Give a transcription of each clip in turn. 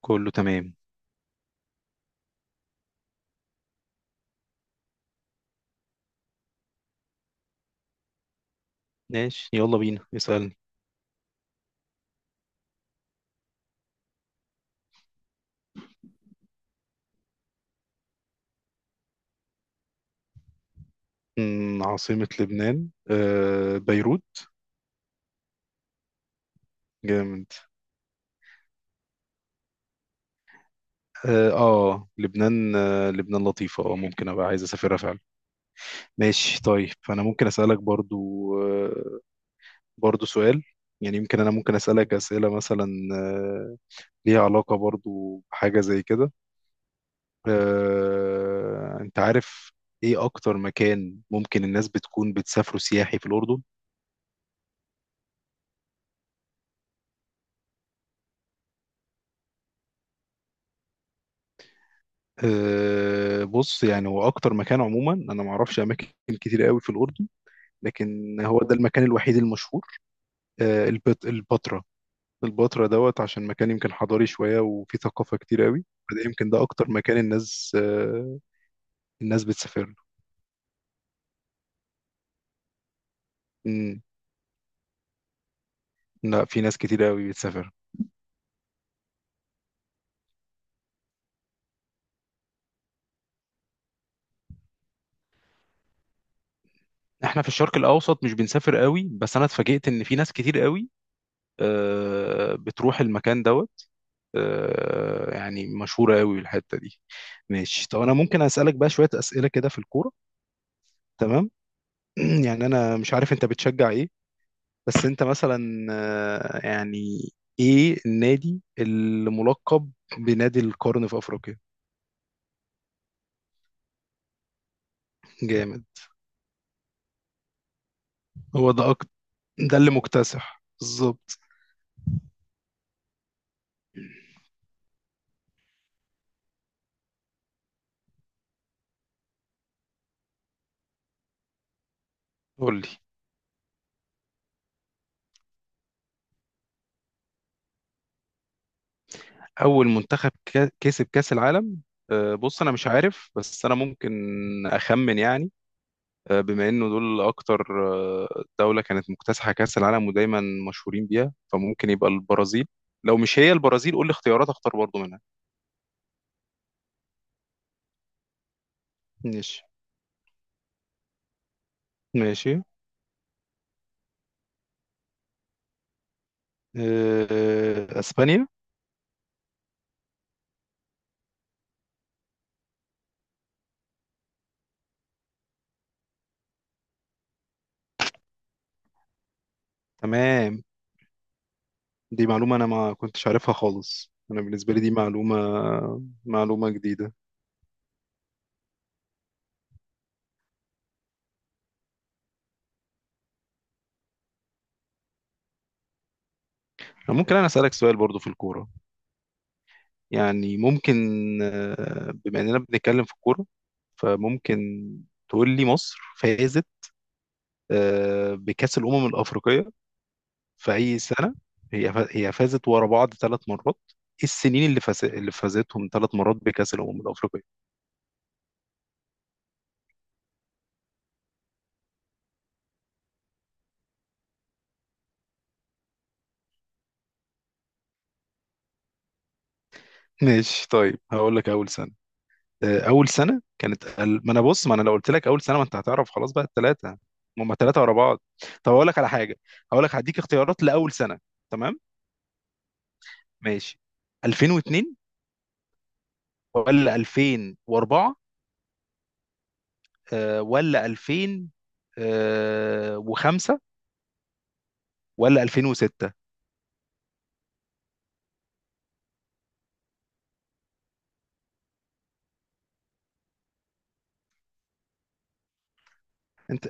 كله تمام. ماشي، يلا بينا اسألني. عاصمة لبنان بيروت. جامد. اه، لبنان لطيفة، ممكن ابقى عايز اسافرها فعلا. ماشي، طيب، فانا ممكن اسألك برضو. آه برضو سؤال. يعني يمكن انا ممكن اسألك اسئلة مثلا. آه ليها علاقة برضو بحاجة زي كده. انت عارف، ايه اكتر مكان ممكن الناس بتكون بتسافروا سياحي في الأردن؟ بص، يعني هو اكتر مكان عموما، انا ما اعرفش اماكن كتير قوي في الاردن. لكن هو ده المكان الوحيد المشهور. البتراء. البتراء دوت، عشان مكان يمكن حضاري شويه وفيه ثقافه كتير قوي. فده يمكن ده اكتر مكان الناس بتسافر له. مم. لا، في ناس كتير قوي بتسافر. احنا في الشرق الاوسط مش بنسافر قوي، بس انا اتفاجئت ان في ناس كتير قوي بتروح المكان دوت، يعني مشهورة قوي الحتة دي. ماشي، طب انا ممكن اسألك بقى شوية أسئلة كده في الكورة؟ تمام. يعني انا مش عارف انت بتشجع ايه، بس انت مثلا، يعني ايه النادي الملقب بنادي القرن في افريقيا؟ جامد. هو ده أكتر، ده اللي مكتسح بالظبط. قول لي، اول منتخب كسب كأس العالم. بص، انا مش عارف بس انا ممكن اخمن يعني. بما انه دول اكتر دولة كانت مكتسحة كأس العالم ودايما مشهورين بيها، فممكن يبقى البرازيل. لو مش هي البرازيل قول لي اختيارات، اختار برضو منها. ماشي. ماشي. اسبانيا. تمام. دي معلومة انا ما كنتش عارفها خالص، انا بالنسبة لي دي معلومة، معلومة جديدة. ممكن انا اسألك سؤال برضو في الكورة؟ يعني ممكن، بما اننا بنتكلم في الكورة، فممكن تقول لي، مصر فازت بكأس الأمم الأفريقية في أي سنة؟ هي فازت ورا بعض ثلاث مرات. إيه السنين اللي فازتهم ثلاث مرات بكأس الأمم الأفريقية؟ ماشي، طيب هقول لك أول سنة. أول سنة كانت ما أنا بص، ما أنا لو قلت لك أول سنة ما أنت هتعرف خلاص بقى الثلاثة. هما ثلاثة ورا بعض. طب أقول لك على حاجة، هقول لك هديك اختيارات لأول سنة. تمام، ماشي. 2002 ولا 2004 ولا 2005 ولا 2006؟ انت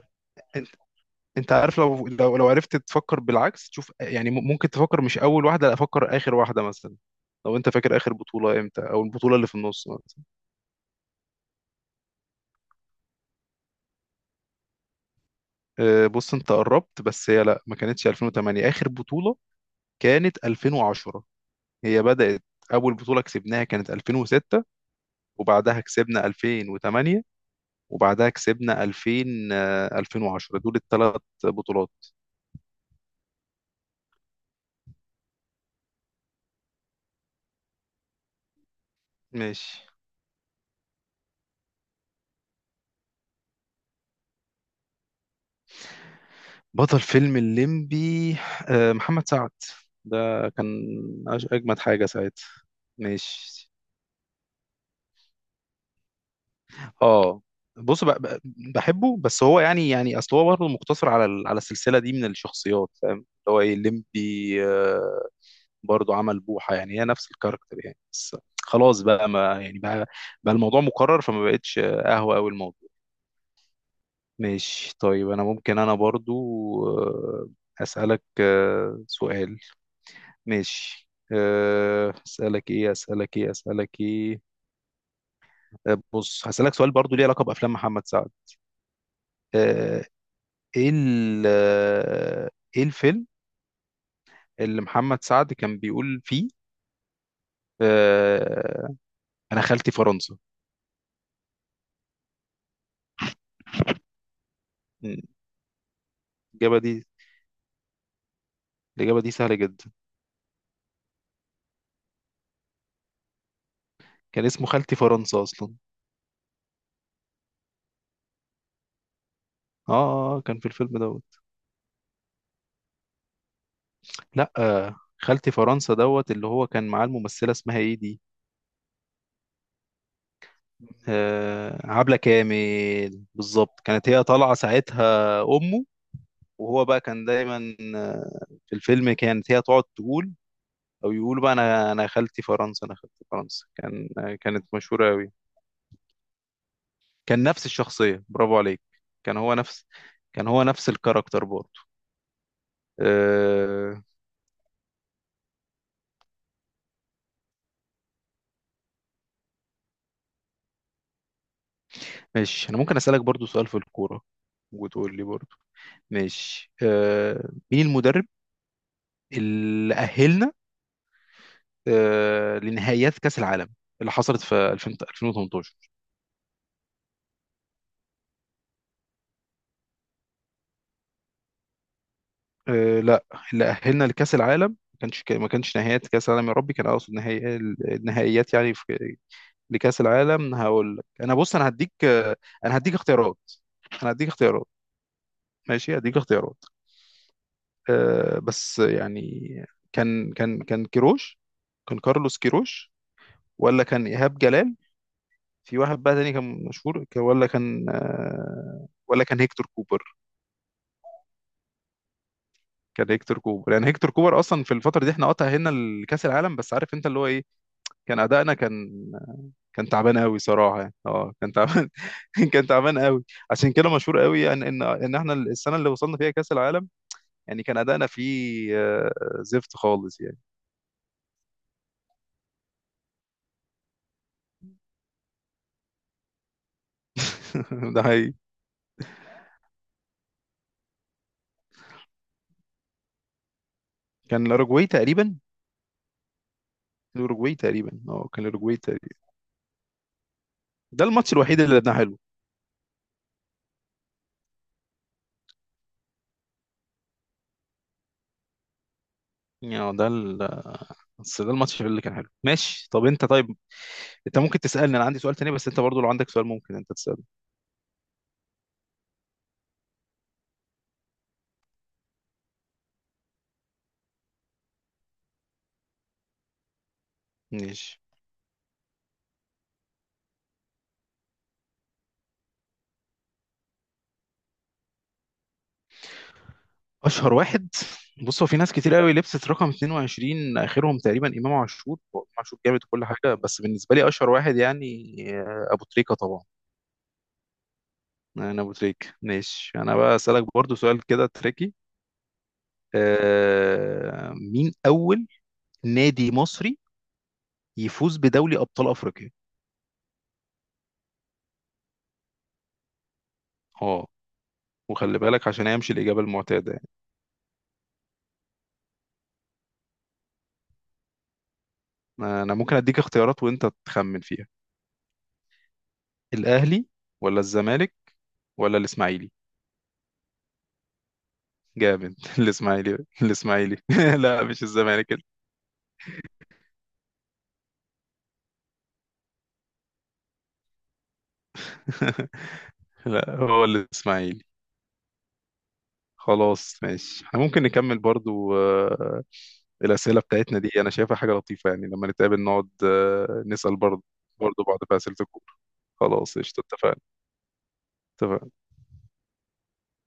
انت عارف، لو عرفت تفكر بالعكس تشوف، يعني ممكن تفكر، مش اول واحده، لا، افكر اخر واحده مثلا. لو انت فاكر اخر بطوله امتى، او البطوله اللي في النص مثلا. بص انت قربت، بس هي لا، ما كانتش 2008 اخر بطوله، كانت 2010. هي بدات، اول بطوله كسبناها كانت 2006، وبعدها كسبنا 2008، وبعدها كسبنا 2000 آه، 2010. دول الثلاث بطولات. ماشي. بطل فيلم الليمبي محمد سعد. ده كان اجمد حاجه ساعتها. ماشي. اه، بص، بحبه، بس هو يعني اصل هو برضه مقتصر على السلسله دي من الشخصيات، فاهم اللي هو ايه الليمبي. آه، برضه عمل بوحه، يعني هي نفس الكاركتر يعني، بس خلاص بقى، ما يعني بقى الموضوع مكرر، فما بقتش قهوه قوي الموضوع. ماشي، طيب انا ممكن انا برضه اسالك سؤال. ماشي. اسالك ايه. بص، هسالك سؤال برضو ليه علاقه بافلام محمد سعد. أه، ايه ال- أه، ايه الفيلم اللي محمد سعد كان بيقول فيه أه، انا خالتي فرنسا. مم، الإجابة دي، الإجابة دي سهلة جدا. كان اسمه خالتي فرنسا أصلا. كان في الفيلم دوت. لأ، خالتي فرنسا دوت، اللي هو كان معاه الممثلة اسمها إيه دي؟ عبلة كامل بالظبط، كانت هي طالعة ساعتها أمه. وهو بقى كان دايما في الفيلم، كانت هي تقعد تقول او يقولوا بقى: انا خالتي فرنسا، انا خالتي فرنسا. كانت مشهورة قوي. كان نفس الشخصية، برافو عليك. كان هو نفس كان هو نفس الكاركتر برضه. آه، ماشي، انا ممكن اسالك برضه سؤال في الكورة، وتقول لي برضه. ماشي. مين المدرب اللي اهلنا لنهائيات كأس العالم اللي حصلت في 2000 2018؟ لا، اللي أهلنا لكأس العالم، ما كانش نهائيات كأس العالم، يا ربي كان أقصد نهائي، النهائيات يعني، في، لكأس العالم. هقول لك أنا، بص، أنا هديك اختيارات، أنا هديك اختيارات. ماشي، هديك اختيارات. بس يعني، كان كان كارلوس كيروش، ولا كان إيهاب جلال، في واحد بقى تاني كان مشهور، ولا كان هيكتور كوبر. كان هيكتور كوبر، يعني هيكتور كوبر اصلا في الفتره دي احنا قطع هنا لكاس العالم، بس عارف انت اللي هو ايه، كان ادائنا، كان تعبان قوي صراحه يعني، كان تعبان. كان تعبان قوي. عشان كده مشهور قوي يعني، ان احنا السنه اللي وصلنا فيها كاس العالم يعني كان ادائنا فيه آه، زفت خالص يعني. ده حقيقي. كان الاوروجواي تقريبا، كان الاوروجواي تقريبا. ده الماتش الوحيد اللي لعبناه حلو، يعني بس ده الماتش اللي كان حلو. ماشي، طب انت، طيب انت ممكن تسالني، انا عندي سؤال تاني، بس انت برضو لو عندك سؤال ممكن انت تساله. ماشي. اشهر واحد؟ بص، هو في ناس كتير قوي لبست رقم 22، اخرهم تقريبا امام عاشور، هو امام عاشور جامد وكل حاجه، بس بالنسبه لي اشهر واحد يعني ابو تريكه طبعا. انا ابو تريكه. ماشي، انا بقى اسالك برضو سؤال كده تريكي. مين اول نادي مصري يفوز بدوري ابطال افريقيا؟ اه، وخلي بالك عشان هيمشي الاجابه المعتاده يعني. انا ممكن اديك اختيارات وانت تخمن فيها. الاهلي، ولا الزمالك، ولا الاسماعيلي؟ جامد. الاسماعيلي، الاسماعيلي. لا، مش الزمالك كده. لا، هو الاسماعيلي. خلاص، ماشي، احنا ممكن نكمل برضو الاسئله بتاعتنا دي، انا شايفها حاجه لطيفه، يعني لما نتقابل نقعد نسال برضو، برضو بعض في اسئله الكوره. خلاص، قشطه، اتفقنا. اتفقنا.